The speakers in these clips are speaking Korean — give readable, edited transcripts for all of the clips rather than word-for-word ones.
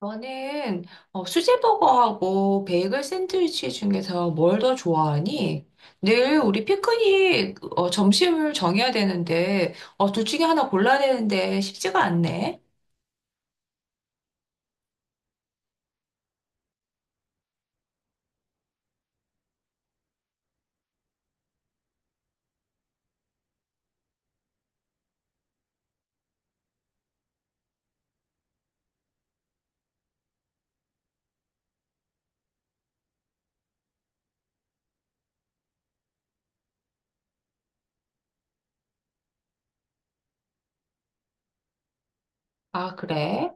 너는 수제버거하고 베이글 샌드위치 중에서 뭘 더 좋아하니? 늘 우리 피크닉 점심을 정해야 되는데 둘 중에 하나 골라야 되는데 쉽지가 않네. 아, 그래?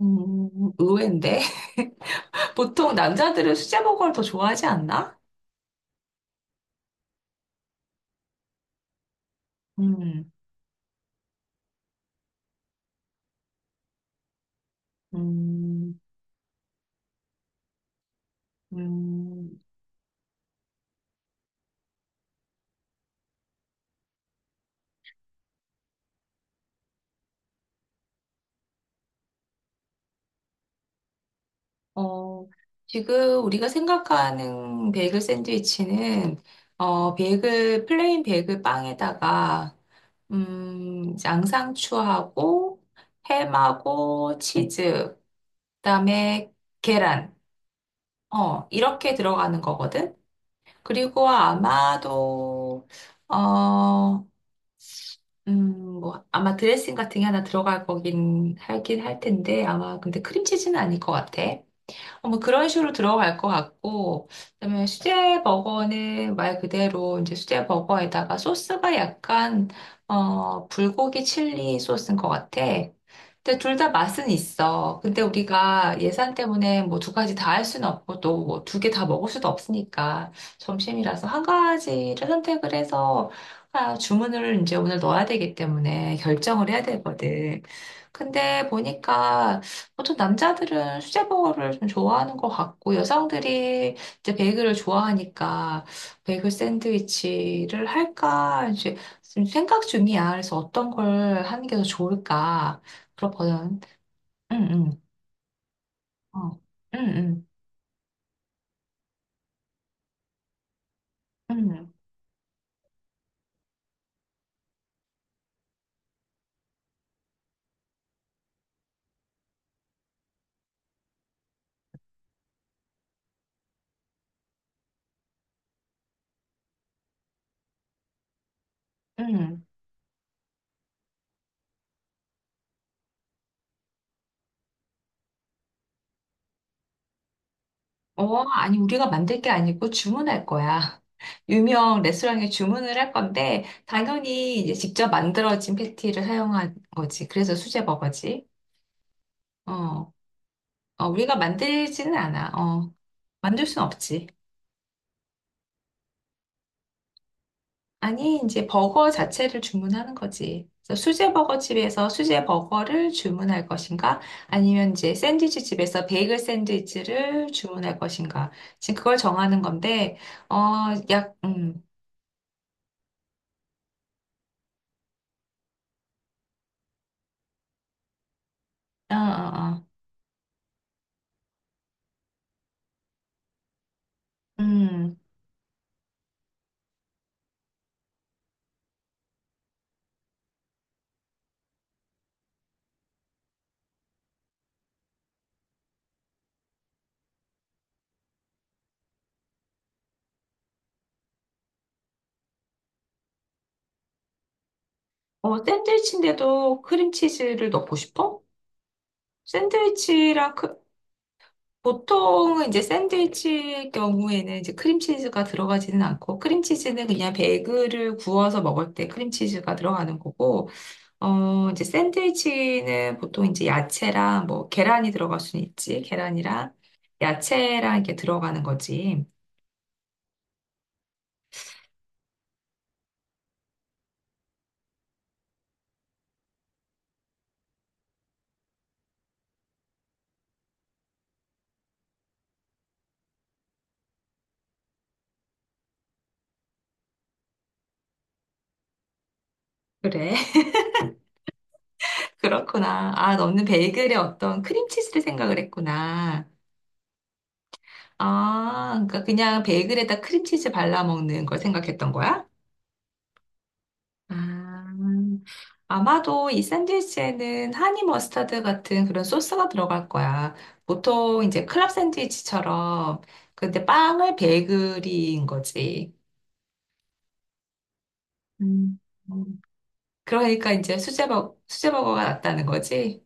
음, 의외인데. 보통 남자들은 수제버거를 더 좋아하지 않나? 음, 음, 음, 어, 지금 우리가 생각하는 베이글 샌드위치는 베이글, 플레인 베이글 빵에다가 양상추하고 햄하고 치즈, 그다음에 계란. 이렇게 들어가는 거거든. 그리고 아마도 어, 뭐 아마 드레싱 같은 게 하나 들어갈 거긴 하긴 할 텐데 아마 근데 크림치즈는 아닐 것 같아. 뭐 그런 식으로 들어갈 것 같고, 그다음에 수제 버거는 말 그대로 이제 수제 버거에다가 소스가 약간 불고기 칠리 소스인 것 같아. 근데 둘 다 맛은 있어. 근데 우리가 예산 때문에 뭐 두 가지 다 할 수는 없고 또 뭐 두 개 다 먹을 수도 없으니까 점심이라서 한 가지를 선택을 해서 아, 주문을 이제 오늘 넣어야 되기 때문에 결정을 해야 되거든. 근데 보니까 보통 남자들은 수제버거를 좀 좋아하는 것 같고, 여성들이 이제 베이글을 좋아하니까, 베이글 샌드위치를 할까, 이제 지금 생각 중이야. 그래서 어떤 걸 하는 게 더 좋을까. 그렇거든. 응, 응, 어, 응, 응, 응, 응. 응. 어, 아니, 우리가 만들 게 아니고 주문할 거야. 유명 레스토랑에 주문을 할 건데, 당연히 이제 직접 만들어진 패티를 사용한 거지. 그래서 수제버거지. 어. 어, 우리가 만들지는 않아. 어, 만들 순 없지. 아니, 이제 버거 자체를 주문하는 거지. 그래서 수제 버거 집에서 수제 버거를 주문할 것인가? 아니면 이제 샌드위치 집에서 베이글 샌드위치를 주문할 것인가? 지금 그걸 정하는 건데, 어, 약, 음, 어, 어, 어, 음, 어, 샌드위치인데도 크림치즈를 넣고 싶어? 샌드위치랑 보통은 이제 샌드위치 경우에는 이제 크림치즈가 들어가지는 않고 크림치즈는 그냥 베이글을 구워서 먹을 때 크림치즈가 들어가는 거고 이제 샌드위치는 보통 이제 야채랑 뭐 계란이 들어갈 수는 있지 계란이랑 야채랑 이렇게 들어가는 거지. 그래. 그렇구나. 아, 너는 베이글에 어떤 크림치즈를 생각을 했구나. 아, 그러니까 그냥 베이글에다 크림치즈 발라 먹는 걸 생각했던 거야? 아, 아마도 이 샌드위치에는 하니 머스타드 같은 그런 소스가 들어갈 거야. 보통 이제 클럽 샌드위치처럼, 근데 빵을 베이글인 거지. 음. 음. 그러니까 이제 수제버거가 낫다는 거지.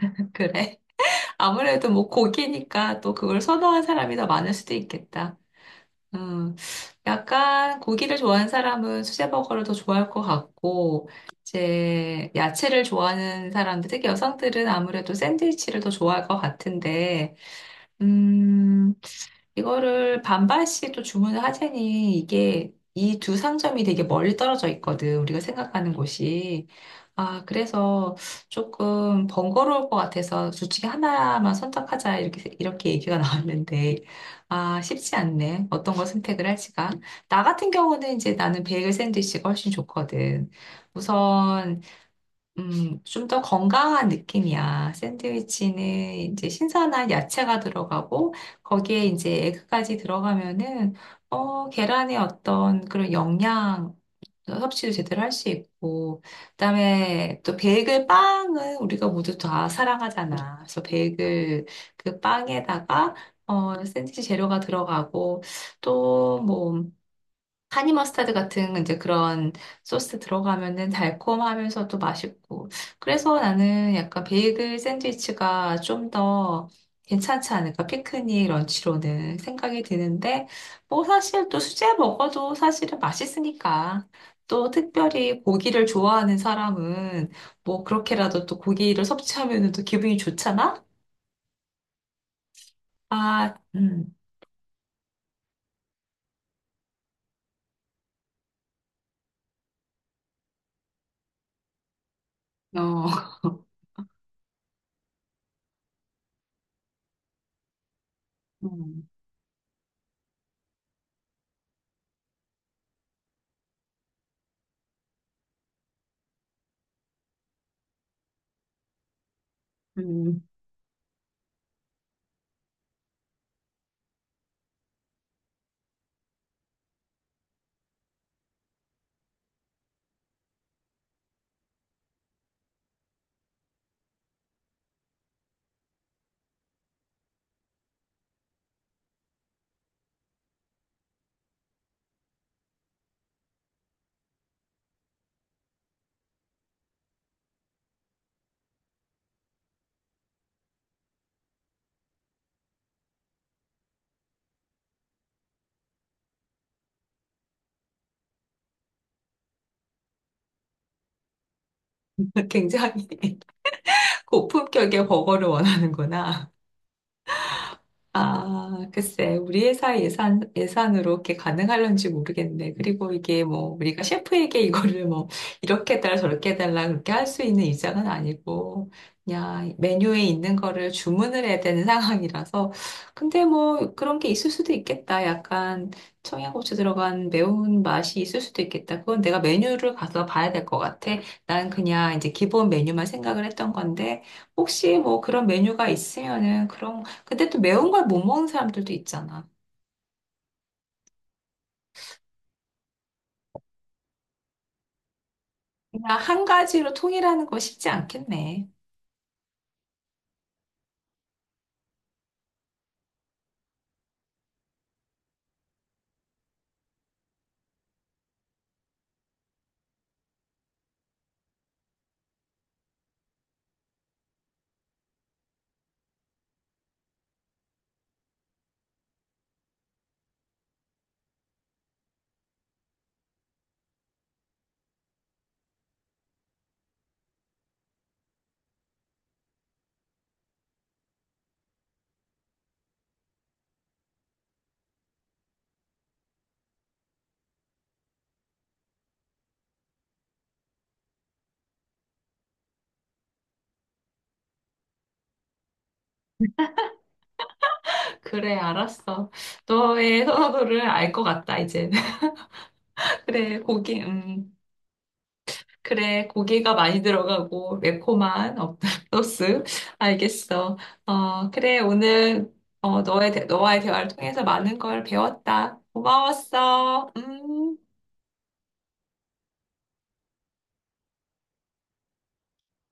그래. 아무래도 뭐 고기니까 또 그걸 선호한 사람이 더 많을 수도 있겠다. 음, 약간 고기를 좋아하는 사람은 수제버거를 더 좋아할 것 같고, 이제 야채를 좋아하는 사람들, 특히 여성들은 아무래도 샌드위치를 더 좋아할 것 같은데, 음, 이거를 반반씩 또 주문을 하자니 이게 이 두 상점이 되게 멀리 떨어져 있거든. 우리가 생각하는 곳이. 아, 그래서 조금 번거로울 것 같아서 둘 중에 하나만 선택하자. 이렇게 얘기가 나왔는데. 아, 쉽지 않네. 어떤 걸 선택을 할지가. 나 같은 경우는 이제 나는 베이글 샌드위치가 훨씬 좋거든. 우선 좀 더 건강한 느낌이야. 샌드위치는 이제 신선한 야채가 들어가고, 거기에 이제 에그까지 들어가면은, 계란의 어떤 그런 영양 섭취도 제대로 할 수 있고, 그다음에 또 베이글 빵은 우리가 모두 다 사랑하잖아. 그래서 베이글 그 빵에다가, 샌드위치 재료가 들어가고, 또 뭐, 하니 머스타드 같은 이제 그런 소스 들어가면은 달콤하면서도 맛있고. 그래서 나는 약간 베이글 샌드위치가 좀 더 괜찮지 않을까? 피크닉 런치로는 생각이 드는데, 뭐 사실 또 수제 먹어도 사실은 맛있으니까. 또 특별히 고기를 좋아하는 사람은 뭐 그렇게라도 또 고기를 섭취하면은 또 기분이 좋잖아? 아, 어, 음, 음, 굉장히. 고품격의 버거를 원하는구나. 아, 글쎄, 우리 회사 예산으로 이렇게 가능할런지 모르겠네. 그리고 이게 뭐, 우리가 셰프에게 이거를 뭐, 이렇게 해달라, 저렇게 해달라, 그렇게 할 수 있는 입장은 아니고, 그냥 메뉴에 있는 거를 주문을 해야 되는 상황이라서. 근데 뭐, 그런 게 있을 수도 있겠다. 약간 청양고추 들어간 매운 맛이 있을 수도 있겠다. 그건 내가 메뉴를 가서 봐야 될 것 같아. 난 그냥 이제 기본 메뉴만 생각을 했던 건데, 혹시 뭐 그런 메뉴가 있으면은 그런 근데 또 매운 걸 못 먹는 사람들도 있잖아. 그냥 한 가지로 통일하는 거 쉽지 않겠네. 그래, 알았어. 너의 선호도를 알 것 같다, 이제. 그래, 고기, 그래, 고기가 많이 들어가고, 매콤한 소스. 알겠어. 그래, 오늘, 너와의 대화를 통해서 많은 걸 배웠다. 고마웠어. 음.